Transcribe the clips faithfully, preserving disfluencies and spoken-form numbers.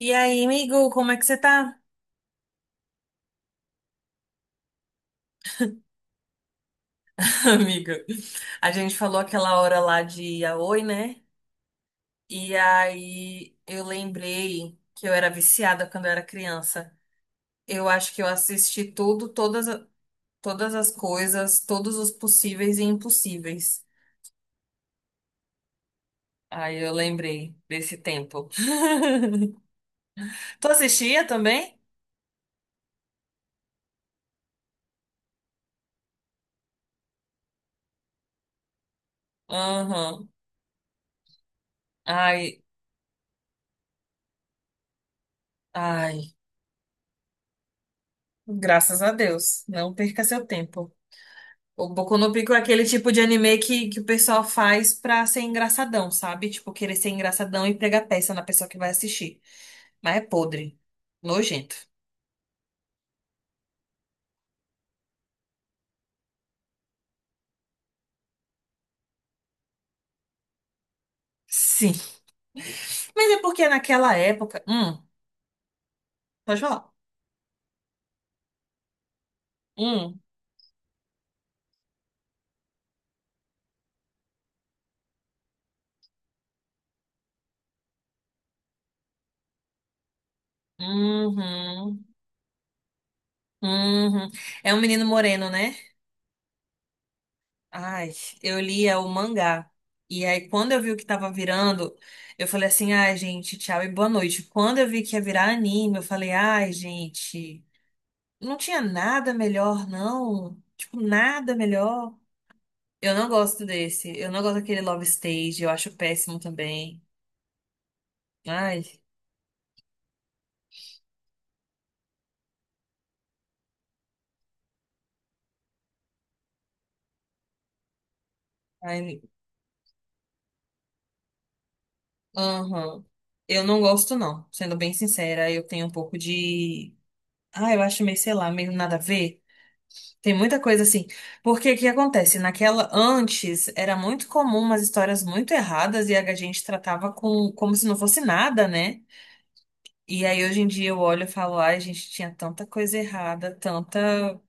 E aí, amigo, como é que você tá? Amiga, a gente falou aquela hora lá de Yaoi, né? E aí eu lembrei que eu era viciada quando eu era criança. Eu acho que eu assisti tudo, todas, a- todas as coisas, todos os possíveis e impossíveis. Aí eu lembrei desse tempo. Tu assistia também? Aham. Ai, ai. Graças a Deus. Não perca seu tempo. O Boku no Pico é aquele tipo de anime que, que o pessoal faz pra ser engraçadão, sabe? Tipo, querer ser engraçadão e pregar peça na pessoa que vai assistir. Mas é podre. Nojento. Sim. Mas é porque naquela época. Hum, pode falar. Hum. Uhum. Uhum. É um menino moreno, né? Ai, eu lia o mangá. E aí, quando eu vi o que tava virando, eu falei assim: ai, gente, tchau e boa noite. Quando eu vi que ia virar anime, eu falei: ai, gente. Não tinha nada melhor, não. Tipo, nada melhor. Eu não gosto desse. Eu não gosto daquele Love Stage. Eu acho péssimo também. Ai, ai, aham. Eu não gosto, não. Sendo bem sincera, eu tenho um pouco de. Ah, eu acho meio, sei lá, meio nada a ver. Tem muita coisa assim. Porque o que acontece? Naquela antes era muito comum umas histórias muito erradas e a gente tratava com como se não fosse nada, né? E aí hoje em dia eu olho e falo, ai, gente, tinha tanta coisa errada, tanta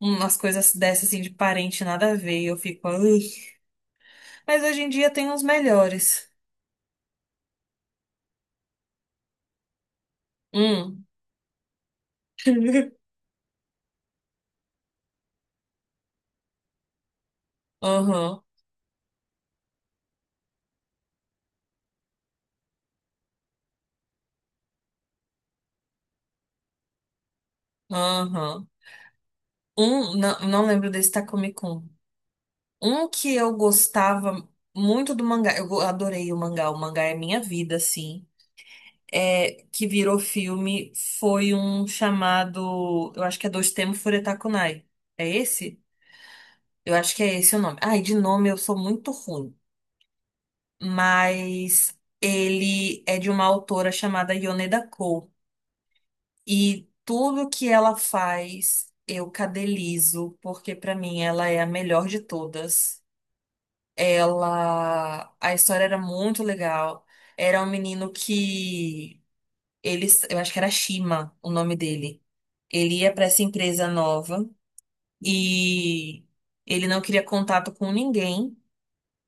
umas coisas dessas assim de parente nada a ver, e eu fico, "Ui". Mas hoje em dia tem uns melhores. Hum, aham, aham. Um, não, não lembro desse Takumi Kun. Um que eu gostava muito do mangá, eu go- adorei o mangá, o mangá é minha vida, assim. É, que virou filme foi um chamado, eu acho que é Dois Temo Furetakunai. É esse? Eu acho que é esse o nome. Ai, de nome eu sou muito ruim. Mas ele é de uma autora chamada Yoneda Cole. E tudo que ela faz, eu cadelizo, porque pra mim ela é a melhor de todas. Ela. A história era muito legal. Era um menino que. Eles, eu acho que era Shima o nome dele. Ele ia pra essa empresa nova e ele não queria contato com ninguém.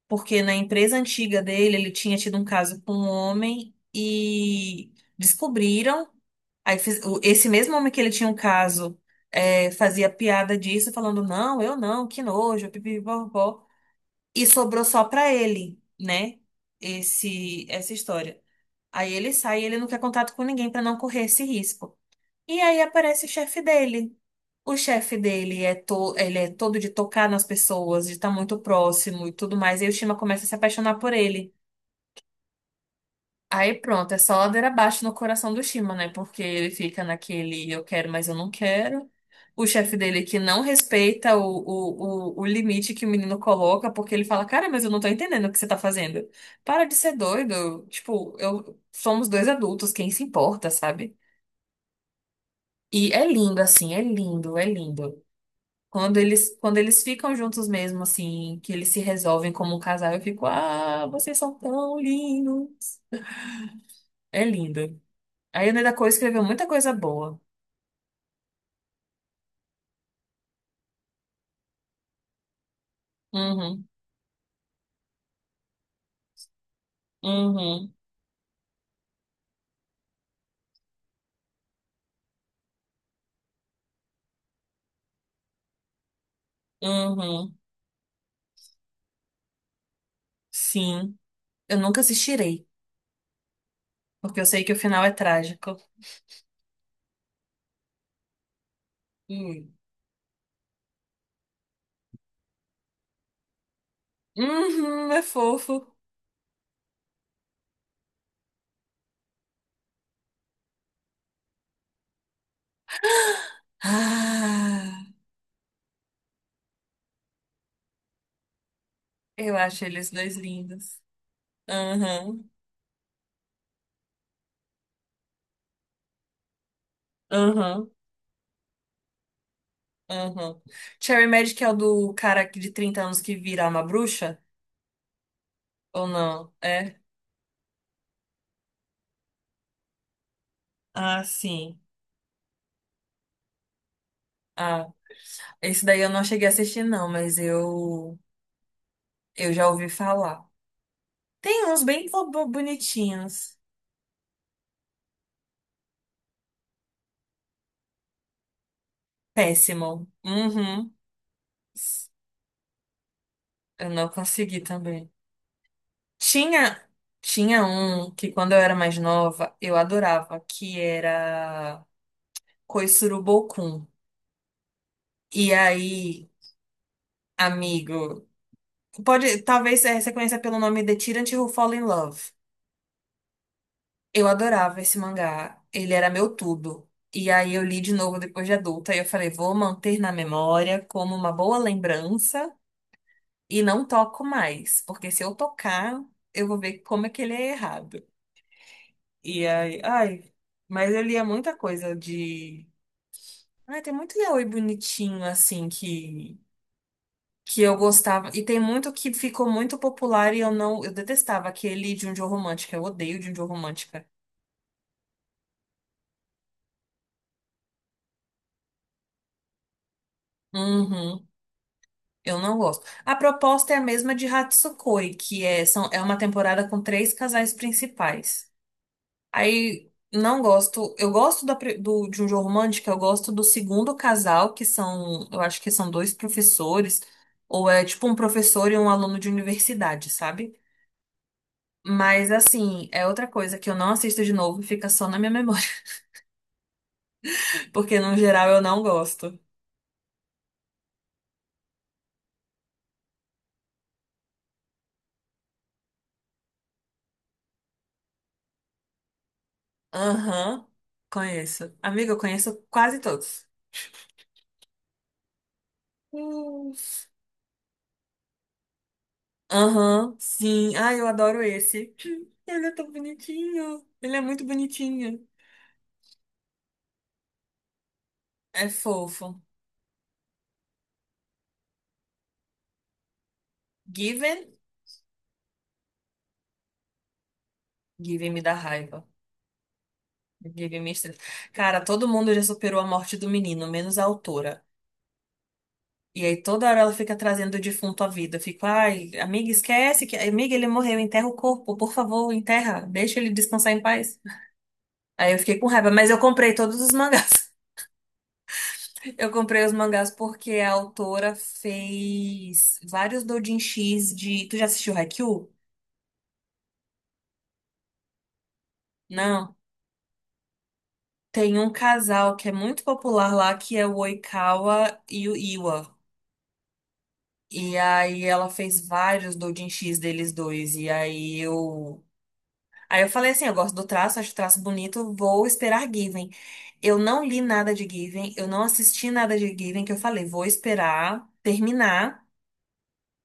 Porque na empresa antiga dele ele tinha tido um caso com um homem e descobriram. Aí fiz- o- esse mesmo homem que ele tinha um caso é, fazia piada disso, falando: Não, eu não, que nojo, pipipipopó. E sobrou só pra ele, né? Esse, essa história. Aí ele sai, ele não quer contato com ninguém pra não correr esse risco. E aí aparece o chefe dele. O chefe dele é, to ele é todo de tocar nas pessoas, de estar muito próximo e tudo mais. E aí o Shima começa a se apaixonar por ele. Aí pronto, é só ladeira abaixo no coração do Shima, né? Porque ele fica naquele eu quero, mas eu não quero. O chefe dele que não respeita o, o, o, o limite que o menino coloca, porque ele fala, cara, mas eu não tô entendendo o que você tá fazendo. Para de ser doido. Tipo, eu somos dois adultos, quem se importa, sabe? E é lindo, assim, é lindo, é lindo. Quando eles, quando eles ficam juntos mesmo, assim, que eles se resolvem como um casal, eu fico, ah, vocês são tão lindos. É lindo. A Ione Coa escreveu muita coisa boa. Uhum, uhum, uhum. Sim. Eu nunca assistirei, porque eu sei que o final é trágico. Hum. Uhum, é fofo. Ah, eu acho eles dois lindos. Uhum, uhum, uhum. Cherry Magic é o do cara que de trinta anos que vira uma bruxa? Ou não? É? Ah, sim. Ah, esse daí eu não cheguei a assistir, não, mas eu, eu já ouvi falar. Tem uns bem bo- bo- bonitinhos. Péssimo. Uhum. Eu não consegui também. Tinha, tinha um que quando eu era mais nova, eu adorava, que era Koisuru Bokun. E aí, amigo, pode, talvez eh, você conheça pelo nome The Tyrant Who Fall in Love. Eu adorava esse mangá. Ele era meu tudo. E aí eu li de novo depois de adulta e eu falei, vou manter na memória como uma boa lembrança. E não toco mais, porque se eu tocar, eu vou ver como é que ele é errado. E aí, ai, mas eu lia muita coisa de. Ai, tem muito yaoi bonitinho, assim, que, que eu gostava. E tem muito que ficou muito popular e eu não. Eu detestava aquele de Junjo Romântica. Eu odeio Junjo Romântica. Uhum. Eu não gosto. A proposta é a mesma de Hatsukoi, que é, são, é uma temporada com três casais principais. Aí não gosto. Eu gosto da pri- do, de um jogo romântico, eu gosto do segundo casal, que são, eu acho que são dois professores, ou é tipo um professor e um aluno de universidade, sabe? Mas assim, é outra coisa que eu não assisto de novo, fica só na minha memória, porque no geral eu não gosto. Aham, conheço. Amiga, eu conheço quase todos. Hum. Aham, sim. Ai, eu adoro esse. Ele é tão bonitinho. Ele é muito bonitinho. É fofo. Given? Given me dá raiva. Given me estressa. Cara, todo mundo já superou a morte do menino, menos a autora. E aí toda hora ela fica trazendo o defunto à vida. Eu fico, ai, amiga, esquece que. Amiga, ele morreu, enterra o corpo, por favor, enterra. Deixa ele descansar em paz. Aí eu fiquei com raiva, mas eu comprei todos os mangás. Eu comprei os mangás porque a autora fez vários doujinshis de. Tu já assistiu Haikyuu? Não. Tem um casal que é muito popular lá, que é o Oikawa e o Iwa. E aí ela fez vários doujin X deles dois. E aí eu. Aí eu falei assim, eu gosto do traço, acho o traço bonito, vou esperar Given. Eu não li nada de Given, eu não assisti nada de Given, que eu falei, vou esperar terminar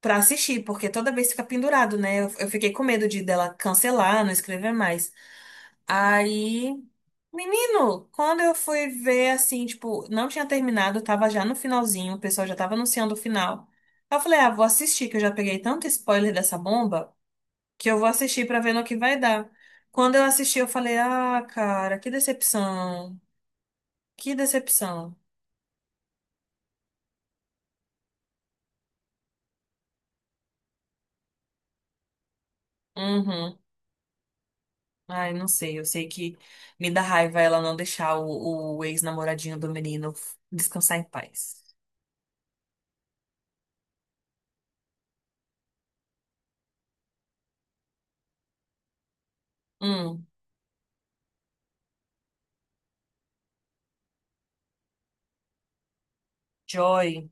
pra assistir, porque toda vez fica pendurado, né? Eu, eu fiquei com medo de dela cancelar, não escrever mais. Aí, menino, quando eu fui ver, assim, tipo, não tinha terminado, tava já no finalzinho, o pessoal já tava anunciando o final. Aí eu falei, ah, vou assistir, que eu já peguei tanto spoiler dessa bomba, que eu vou assistir pra ver no que vai dar. Quando eu assisti, eu falei, ah, cara, que decepção, que decepção. Uhum. Ai, não sei, eu sei que me dá raiva ela não deixar o, o ex-namoradinho do menino descansar em paz. Hum, Joy,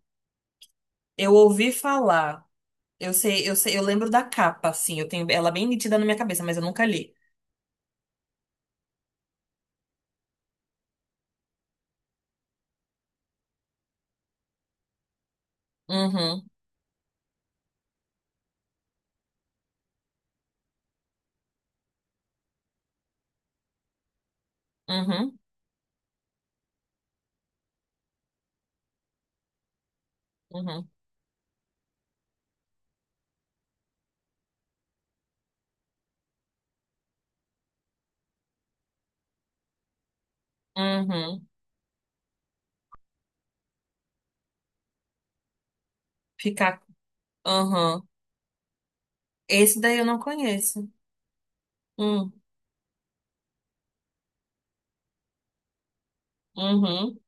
eu ouvi falar. Eu sei, eu sei, eu lembro da capa, assim, eu tenho ela bem nítida na minha cabeça, mas eu nunca li. Uhum, uhum, uhum, uhum. Ficar, uhum. Esse daí eu não conheço. Hum, uhum,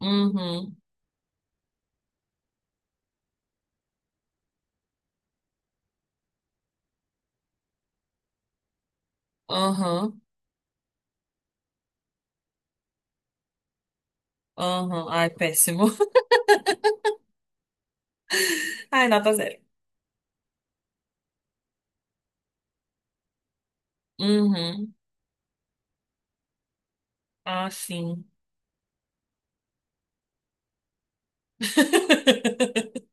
uhum, uhum, uhum. Ai, péssimo. Ai, nota zero. Uhum. Ah, sim.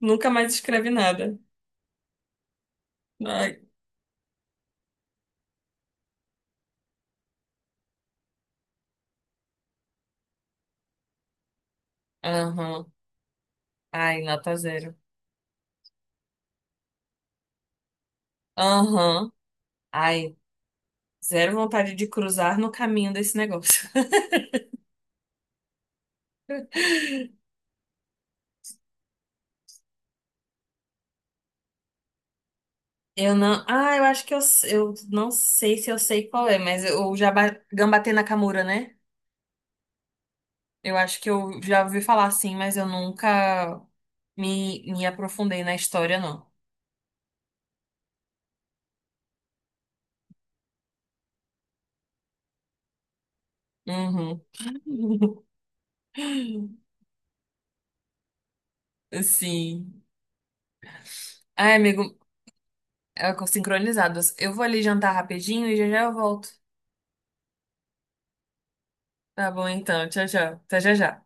Nunca mais escreve nada. Ai. Aham. Ai, nota zero. Aham. Ai, zero vontade de cruzar no caminho desse negócio. Eu não. Ah, eu acho que eu, eu não sei se eu sei qual é, mas o Jaba... Gambatê Nakamura, né? Eu acho que eu já ouvi falar assim, mas eu nunca me, me aprofundei na história, não. Uhum. Sim. Ai, amigo, é com- sincronizados. Eu vou ali jantar rapidinho e já já eu volto. Tá bom, então. Tchau, tchau. Até já já.